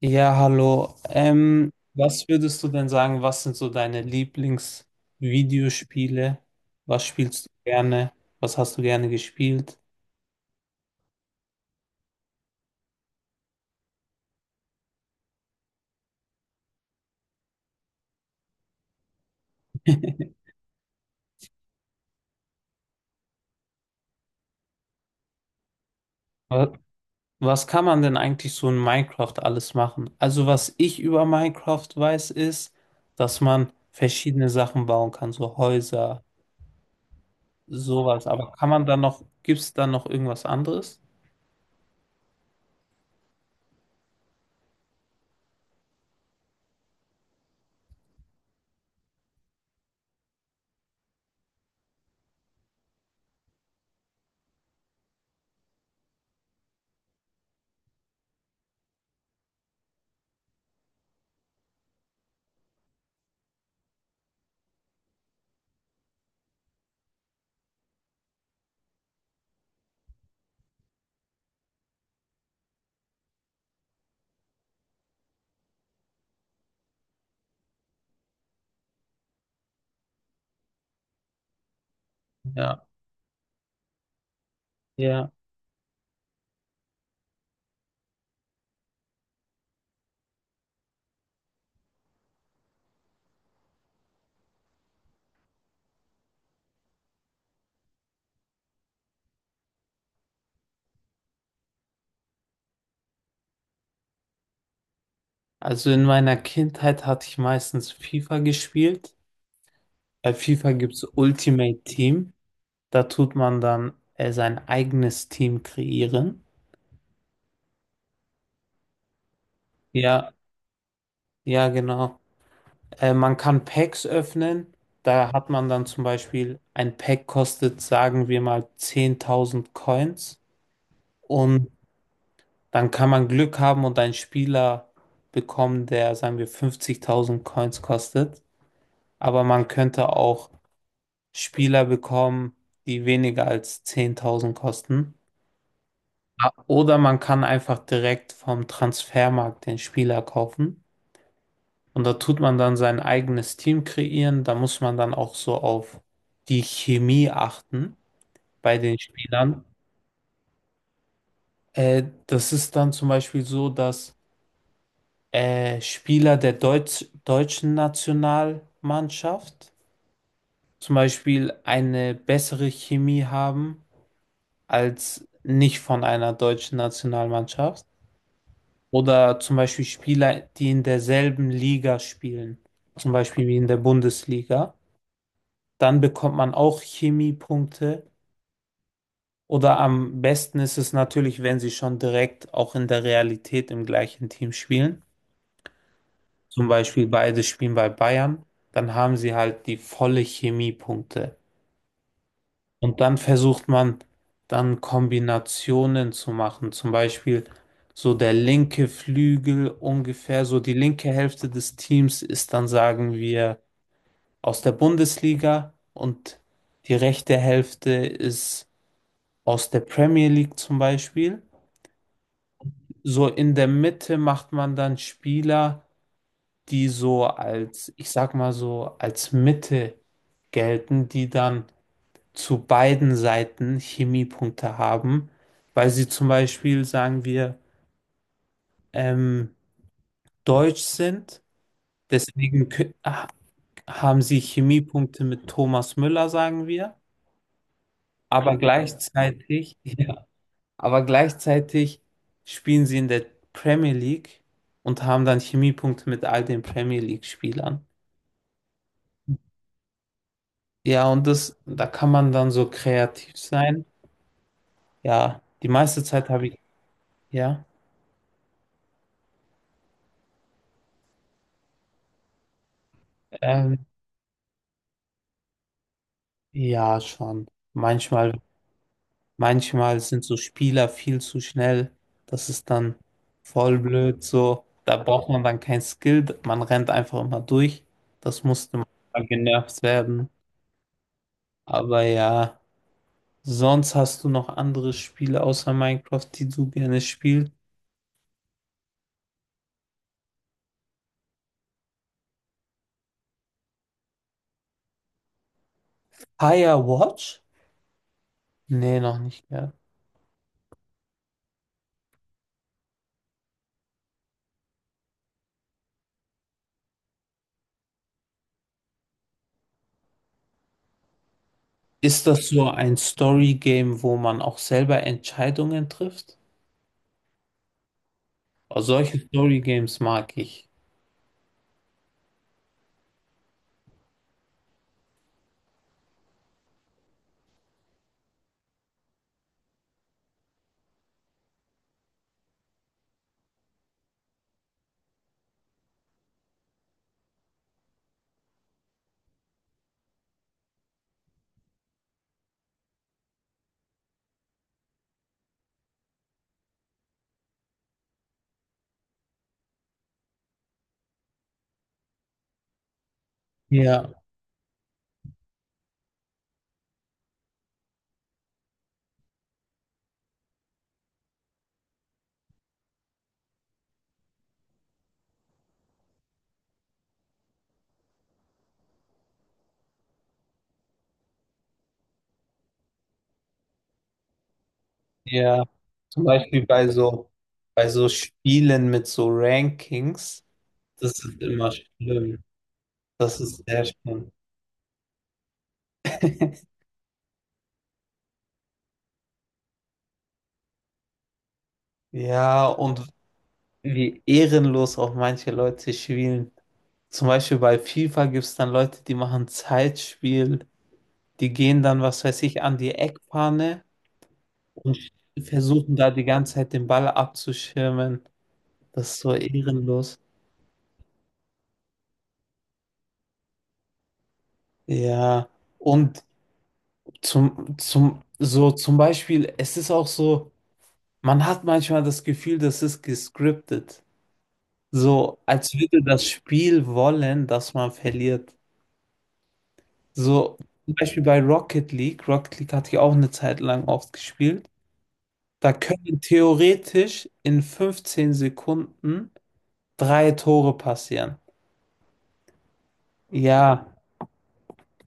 Ja, hallo. Was würdest du denn sagen, was sind so deine Lieblingsvideospiele? Was spielst du gerne? Was hast du gerne gespielt? Was, was kann man denn eigentlich so in Minecraft alles machen? Also was ich über Minecraft weiß, ist, dass man verschiedene Sachen bauen kann, so Häuser, sowas. Aber kann man da noch, gibt es da noch irgendwas anderes? Ja. Ja. Also in meiner Kindheit hatte ich meistens FIFA gespielt. Bei FIFA gibt es Ultimate Team. Da tut man dann sein eigenes Team kreieren. Ja, ja, genau. Man kann Packs öffnen. Da hat man dann zum Beispiel, ein Pack kostet, sagen wir mal, 10.000 Coins. Und dann kann man Glück haben und einen Spieler bekommen, der, sagen wir, 50.000 Coins kostet. Aber man könnte auch Spieler bekommen, die weniger als 10.000 kosten. Ah, oder man kann einfach direkt vom Transfermarkt den Spieler kaufen. Und da tut man dann sein eigenes Team kreieren. Da muss man dann auch so auf die Chemie achten bei den Spielern. Das ist dann zum Beispiel so, dass Spieler der deutschen Nationalmannschaft zum Beispiel eine bessere Chemie haben als nicht von einer deutschen Nationalmannschaft. Oder zum Beispiel Spieler, die in derselben Liga spielen, zum Beispiel wie in der Bundesliga. Dann bekommt man auch Chemiepunkte. Oder am besten ist es natürlich, wenn sie schon direkt auch in der Realität im gleichen Team spielen. Zum Beispiel beide spielen bei Bayern. Dann haben sie halt die volle Chemiepunkte. Und dann versucht man dann Kombinationen zu machen. Zum Beispiel so der linke Flügel ungefähr, so die linke Hälfte des Teams ist dann, sagen wir, aus der Bundesliga und die rechte Hälfte ist aus der Premier League zum Beispiel. So in der Mitte macht man dann Spieler, die so als, ich sag mal so, als Mitte gelten, die dann zu beiden Seiten Chemiepunkte haben, weil sie zum Beispiel, sagen wir, ähm, deutsch sind. Deswegen haben sie Chemiepunkte mit Thomas Müller, sagen wir. Aber gleichzeitig, ja, aber gleichzeitig spielen sie in der Premier League und haben dann Chemiepunkte mit all den Premier League-Spielern. Ja, und das, da kann man dann so kreativ sein. Ja, die meiste Zeit habe ich, ja. Ähm, ja, schon. Manchmal, manchmal, sind so Spieler viel zu schnell. Das ist dann voll blöd so. Da braucht man dann kein Skill. Man rennt einfach immer durch. Das musste mal genervt werden. Aber ja, sonst hast du noch andere Spiele außer Minecraft, die du gerne spielst. Firewatch? Nee, noch nicht gehört. Ist das so ein Story-Game, wo man auch selber Entscheidungen trifft? Oh, solche Story-Games mag ich. Ja. Ja, zum Beispiel bei so Spielen mit so Rankings, das ist immer schlimm. Das ist sehr schlimm. Ja, und wie ehrenlos auch manche Leute spielen. Zum Beispiel bei FIFA gibt es dann Leute, die machen Zeitspiel, die gehen dann, was weiß ich, an die Eckfahne und versuchen da die ganze Zeit den Ball abzuschirmen. Das ist so ehrenlos. Ja, und so zum Beispiel, es ist auch so, man hat manchmal das Gefühl, das ist gescriptet. So, als würde das Spiel wollen, dass man verliert. So, zum Beispiel bei Rocket League. Rocket League hatte ich auch eine Zeit lang oft gespielt. Da können theoretisch in 15 Sekunden drei Tore passieren. Ja,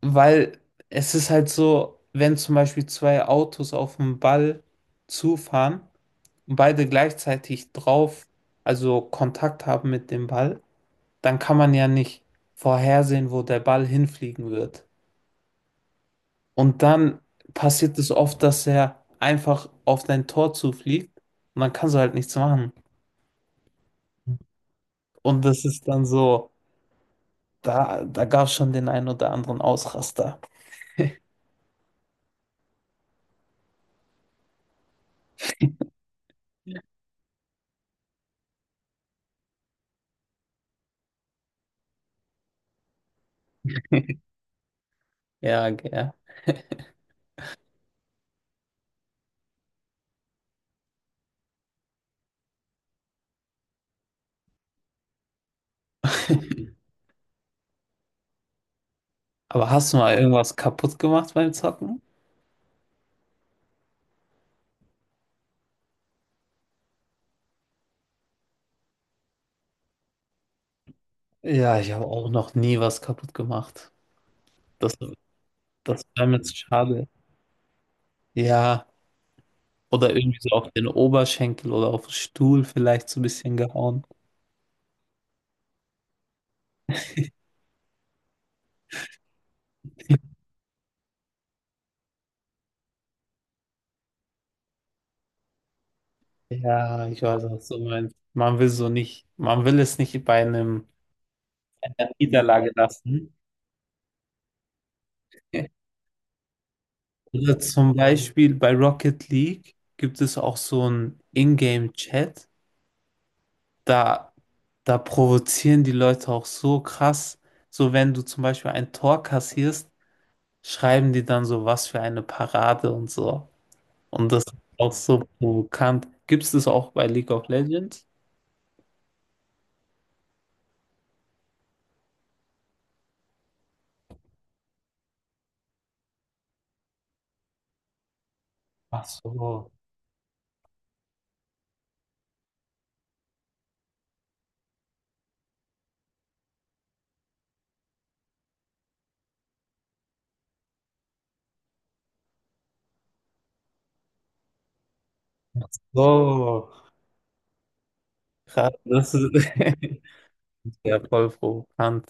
weil es ist halt so, wenn zum Beispiel zwei Autos auf den Ball zufahren und beide gleichzeitig drauf, also Kontakt haben mit dem Ball, dann kann man ja nicht vorhersehen, wo der Ball hinfliegen wird. Und dann passiert es oft, dass er einfach auf dein Tor zufliegt und dann kannst du halt nichts machen. Und das ist dann so, da gab es schon den einen oder anderen Ausraster. Ja, gell. Aber hast du mal irgendwas kaputt gemacht beim Zocken? Ja, ich habe auch noch nie was kaputt gemacht. Das, das wäre mir jetzt schade. Ja, oder irgendwie so auf den Oberschenkel oder auf den Stuhl vielleicht so ein bisschen gehauen. Ja, ich weiß, was du meinst. Man will so nicht, man will es nicht bei einem, einer Niederlage lassen. Oder zum Beispiel bei Rocket League gibt es auch so einen Ingame-Chat. Da, da provozieren die Leute auch so krass. So, wenn du zum Beispiel ein Tor kassierst, schreiben die dann so, was für eine Parade und so. Und das ist auch so provokant. Gibt es das auch bei League of Legends? Ach so. Ach so. Krass, das ist ja voll provokant.